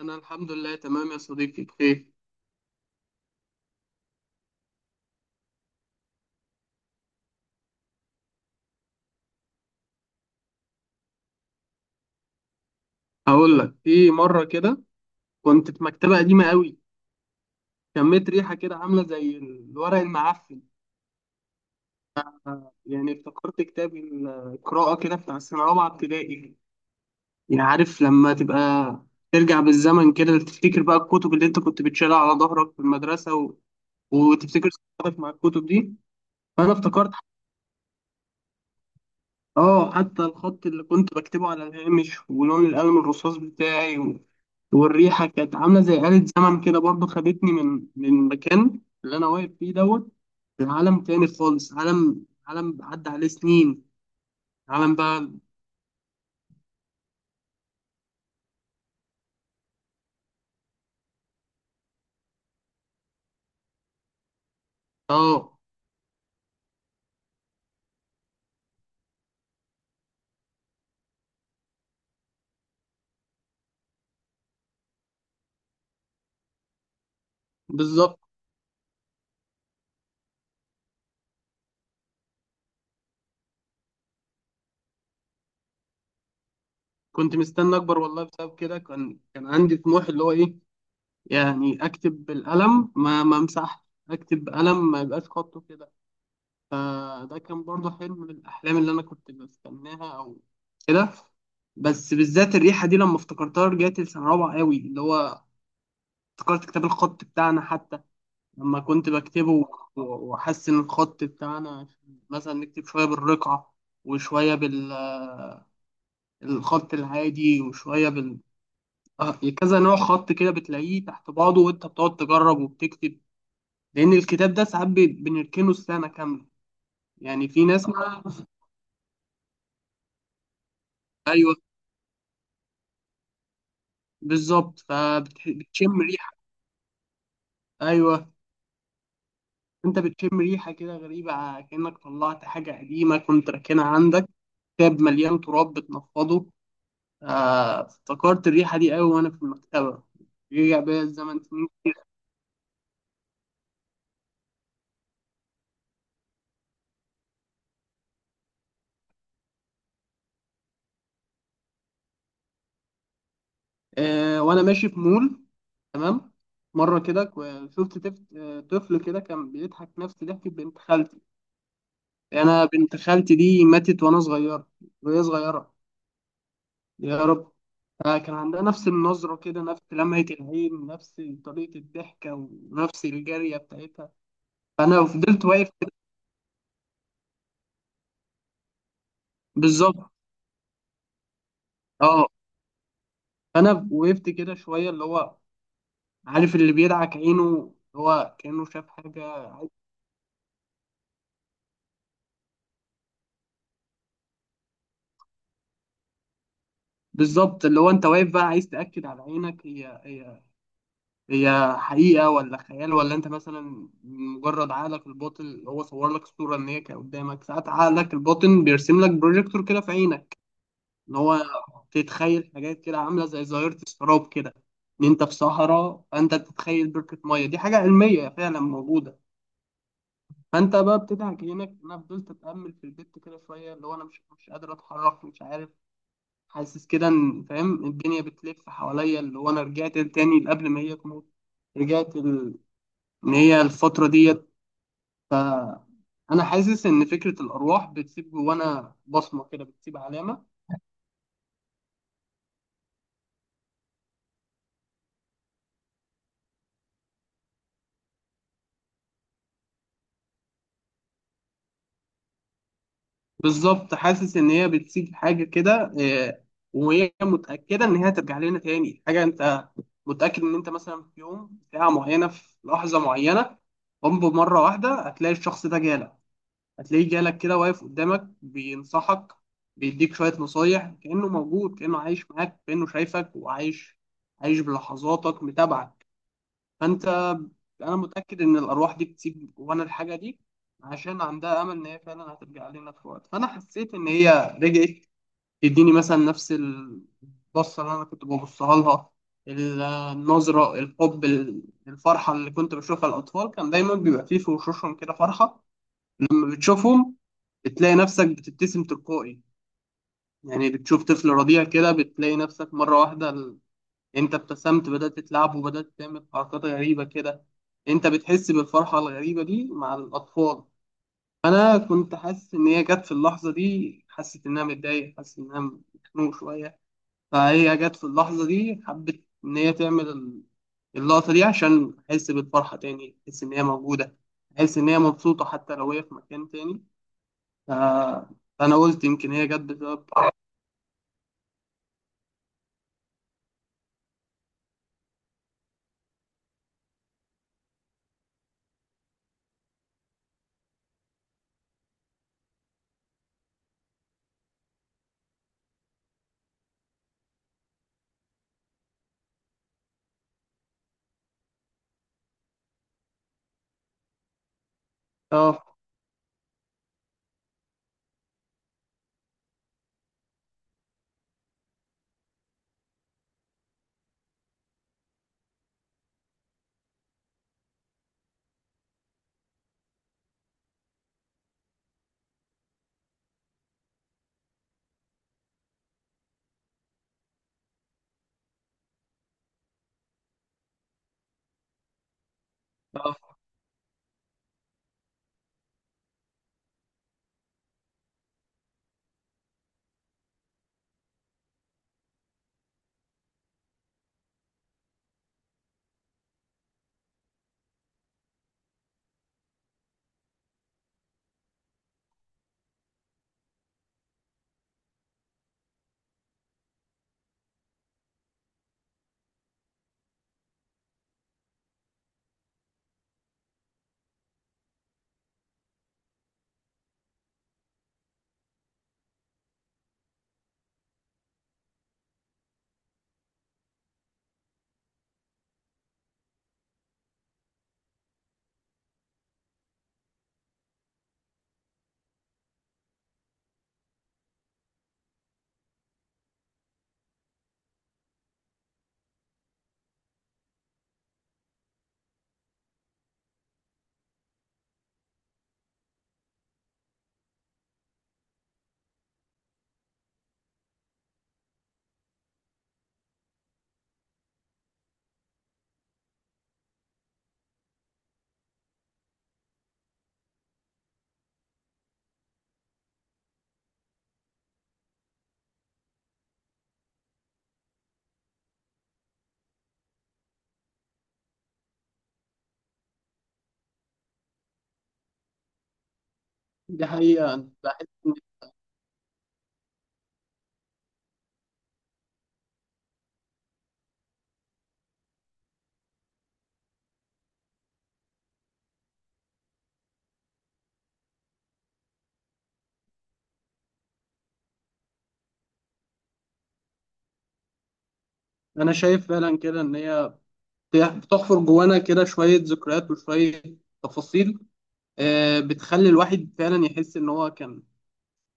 انا الحمد لله تمام يا صديقي بخير. هقول لك في مره كده، كنت في مكتبه قديمه قوي، شميت ريحه كده عامله زي الورق المعفن. يعني افتكرت كتاب القراءه كده بتاع السنه الرابعه ابتدائي. يعني عارف لما تبقى ترجع بالزمن كده، تفتكر بقى الكتب اللي انت كنت بتشيلها على ظهرك في المدرسه وتفتكر ذكرياتك مع الكتب دي، فانا افتكرت. اه حتى الخط اللي كنت بكتبه على الهامش ولون القلم الرصاص بتاعي، والريحه كانت عامله زي آلة زمن كده، برضو خدتني من المكان اللي انا واقف فيه دوت لعالم تاني خالص، عالم عدى عليه سنين، عالم بقى. اه بالظبط. كنت مستني اكبر والله، بسبب كده كان عندي طموح اللي هو ايه؟ يعني اكتب بالقلم ما امسحش، اكتب بقلم ما يبقاش خطه كده. فده كان برضو حلم من الاحلام اللي انا كنت بستناها، او كده. بس بالذات الريحه دي لما افتكرتها، رجعت السنه رابعه قوي، اللي هو افتكرت كتاب الخط بتاعنا حتى. لما كنت بكتبه وأحسن الخط بتاعنا، مثلا نكتب شوية بالرقعة، وشوية بالخط العادي، وشوية بال آه، كذا نوع خط كده بتلاقيه تحت بعضه، وأنت بتقعد تجرب وبتكتب، لأن الكتاب ده ساعات بنركنه السنة كاملة. يعني في ناس ما. أيوه، بالظبط، فبتشم ريحة. أيوه. أنت بتشم ريحة كده غريبة، كأنك طلعت حاجة قديمة كنت راكنها عندك، كتاب مليان تراب بتنفضه. افتكرت الريحة دي قوي وأنا في المكتبة، رجع بيا الزمن سنين. وأنا ماشي في مول. تمام. مرة كده كو- شفت تف- آه، طفل كده كان بيضحك نفس ضحكة بنت خالتي. أنا بنت خالتي دي ماتت وأنا صغيرة، وهي صغيرة. يا رب. كان عندها نفس النظرة كده، نفس لمعة العين، نفس طريقة الضحكة، ونفس الجارية بتاعتها. فأنا فضلت واقف كده. بالظبط. اه. فأنا وقفت كده شوية، اللي هو عارف اللي بيدعك عينه، هو كأنه شاف حاجة عايز-. بالظبط، اللي هو انت واقف بقى عايز تأكد على عينك، هي هي، هي حقيقة ولا خيال؟ ولا انت مثلا مجرد عقلك الباطن هو صور لك صورة ان هي كانت قدامك. ساعات عقلك الباطن بيرسم لك بروجيكتور كده في عينك ان هو تتخيل حاجات كده عاملة زي ظاهرة السراب كده، ان انت في صحراء فانت بتتخيل بركة مية، دي حاجة علمية فعلا موجودة. فانت بقى بتدعك عينك. انا فضلت اتأمل في البيت كده شوية، اللي هو انا مش قادر اتحرك، مش عارف، حاسس كده ان فاهم الدنيا بتلف حواليا، اللي هو انا رجعت تاني قبل ما هي تموت، رجعت ال... ان هي الفترة ديت. فانا حاسس ان فكرة الارواح بتسيب جوانا بصمة كده، بتسيب علامة. بالظبط، حاسس ان هي بتسيب حاجة كده. وهي متأكدة ان هي ترجع لنا تاني. حاجة انت متأكد ان انت مثلا في يوم، في ساعة معينة، في لحظة معينة، قم بمرة واحدة هتلاقي الشخص ده جالك، هتلاقيه جالك كده واقف قدامك بينصحك، بيديك شوية نصايح، كأنه موجود، كأنه عايش معاك، كأنه شايفك وعايش، عايش بلحظاتك متابعك. فأنت، أنا متأكد إن الأرواح دي بتسيب جوانا الحاجة دي عشان عندها أمل إن هي فعلا هترجع لنا في وقت. فأنا حسيت إن هي رجعت، تديني مثلا نفس البصة اللي أنا كنت ببصها لها، النظرة، الحب، الفرحة اللي كنت بشوفها. الأطفال كان دايما بيبقى فيه في وشوشهم كده فرحة لما بتشوفهم، بتلاقي نفسك بتبتسم تلقائي. يعني بتشوف طفل رضيع كده، بتلاقي نفسك مرة واحدة انت ابتسمت، بدأت تلعب وبدأت تعمل حركات غريبة كده. انت بتحس بالفرحة الغريبة دي مع الأطفال. أنا كنت حاسس إن هي جت في اللحظة دي، حسيت إنها متضايقة، حاسس إنها مخنوق شوية، فهي جت في اللحظة دي حبت إن هي تعمل اللقطة دي عشان أحس بالفرحة تاني، أحس إن هي موجودة، أحس إن هي مبسوطة حتى لو هي في مكان تاني. آه، انا قلت يمكن هي جت بسبب. اه. اه. دي حقيقة أنا بحس إن، أنا شايف فعلا كده إن هي بتحفر جوانا كده شوية ذكريات وشوية تفاصيل. بتخلي الواحد فعلا يحس إن هو كان،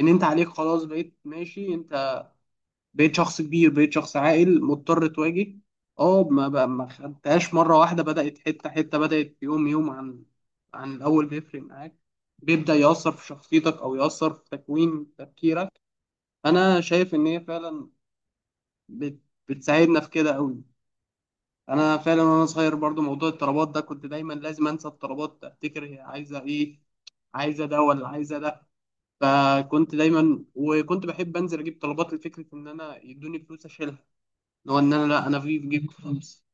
إن أنت عليك خلاص، بقيت ماشي. أنت بقيت شخص كبير، بقيت شخص عاقل مضطر تواجه. أه، ما بقى ما خدتهاش مرة واحدة، بدأت حتة حتة، بدأت يوم يوم، عن عن الأول بيفرق معاك، بيبدأ يأثر في شخصيتك أو يأثر في تكوين تفكيرك. انا شايف ان هي فعلا بت... بتساعدنا في كده قوي. انا فعلا وانا صغير برضو، موضوع الطلبات ده كنت دايما لازم انسى الطلبات، افتكر هي عايزه ايه، عايزه ده ولا عايزه ده. فكنت دايما وكنت بحب انزل اجيب طلبات، لفكره ان انا يدوني فلوس اشيلها، اللي هو ان انا، لا انا في جيب فلوس.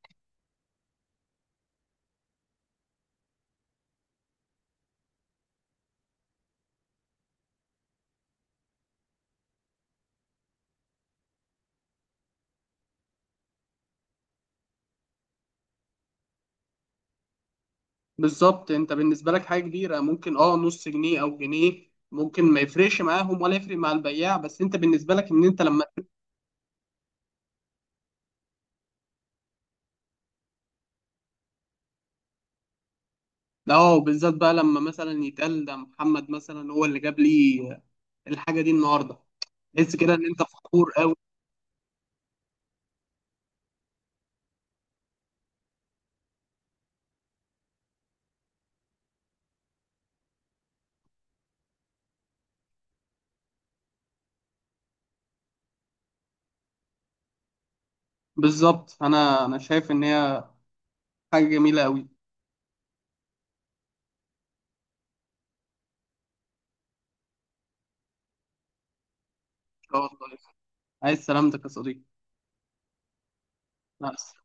بالظبط. انت بالنسبه لك حاجه كبيره ممكن اه نص جنيه او جنيه، ممكن ما يفرقش معاهم ولا يفرق مع البياع، بس انت بالنسبه لك ان انت لما، لا اه بالذات بقى لما مثلا يتقال ده محمد مثلا هو اللي جاب لي الحاجه دي النهارده. تحس كده ان انت فخور قوي. بالظبط. انا شايف ان هي حاجه جميله قوي. ان شاء الله. عايز سلامتك يا صديقي. مع السلامة.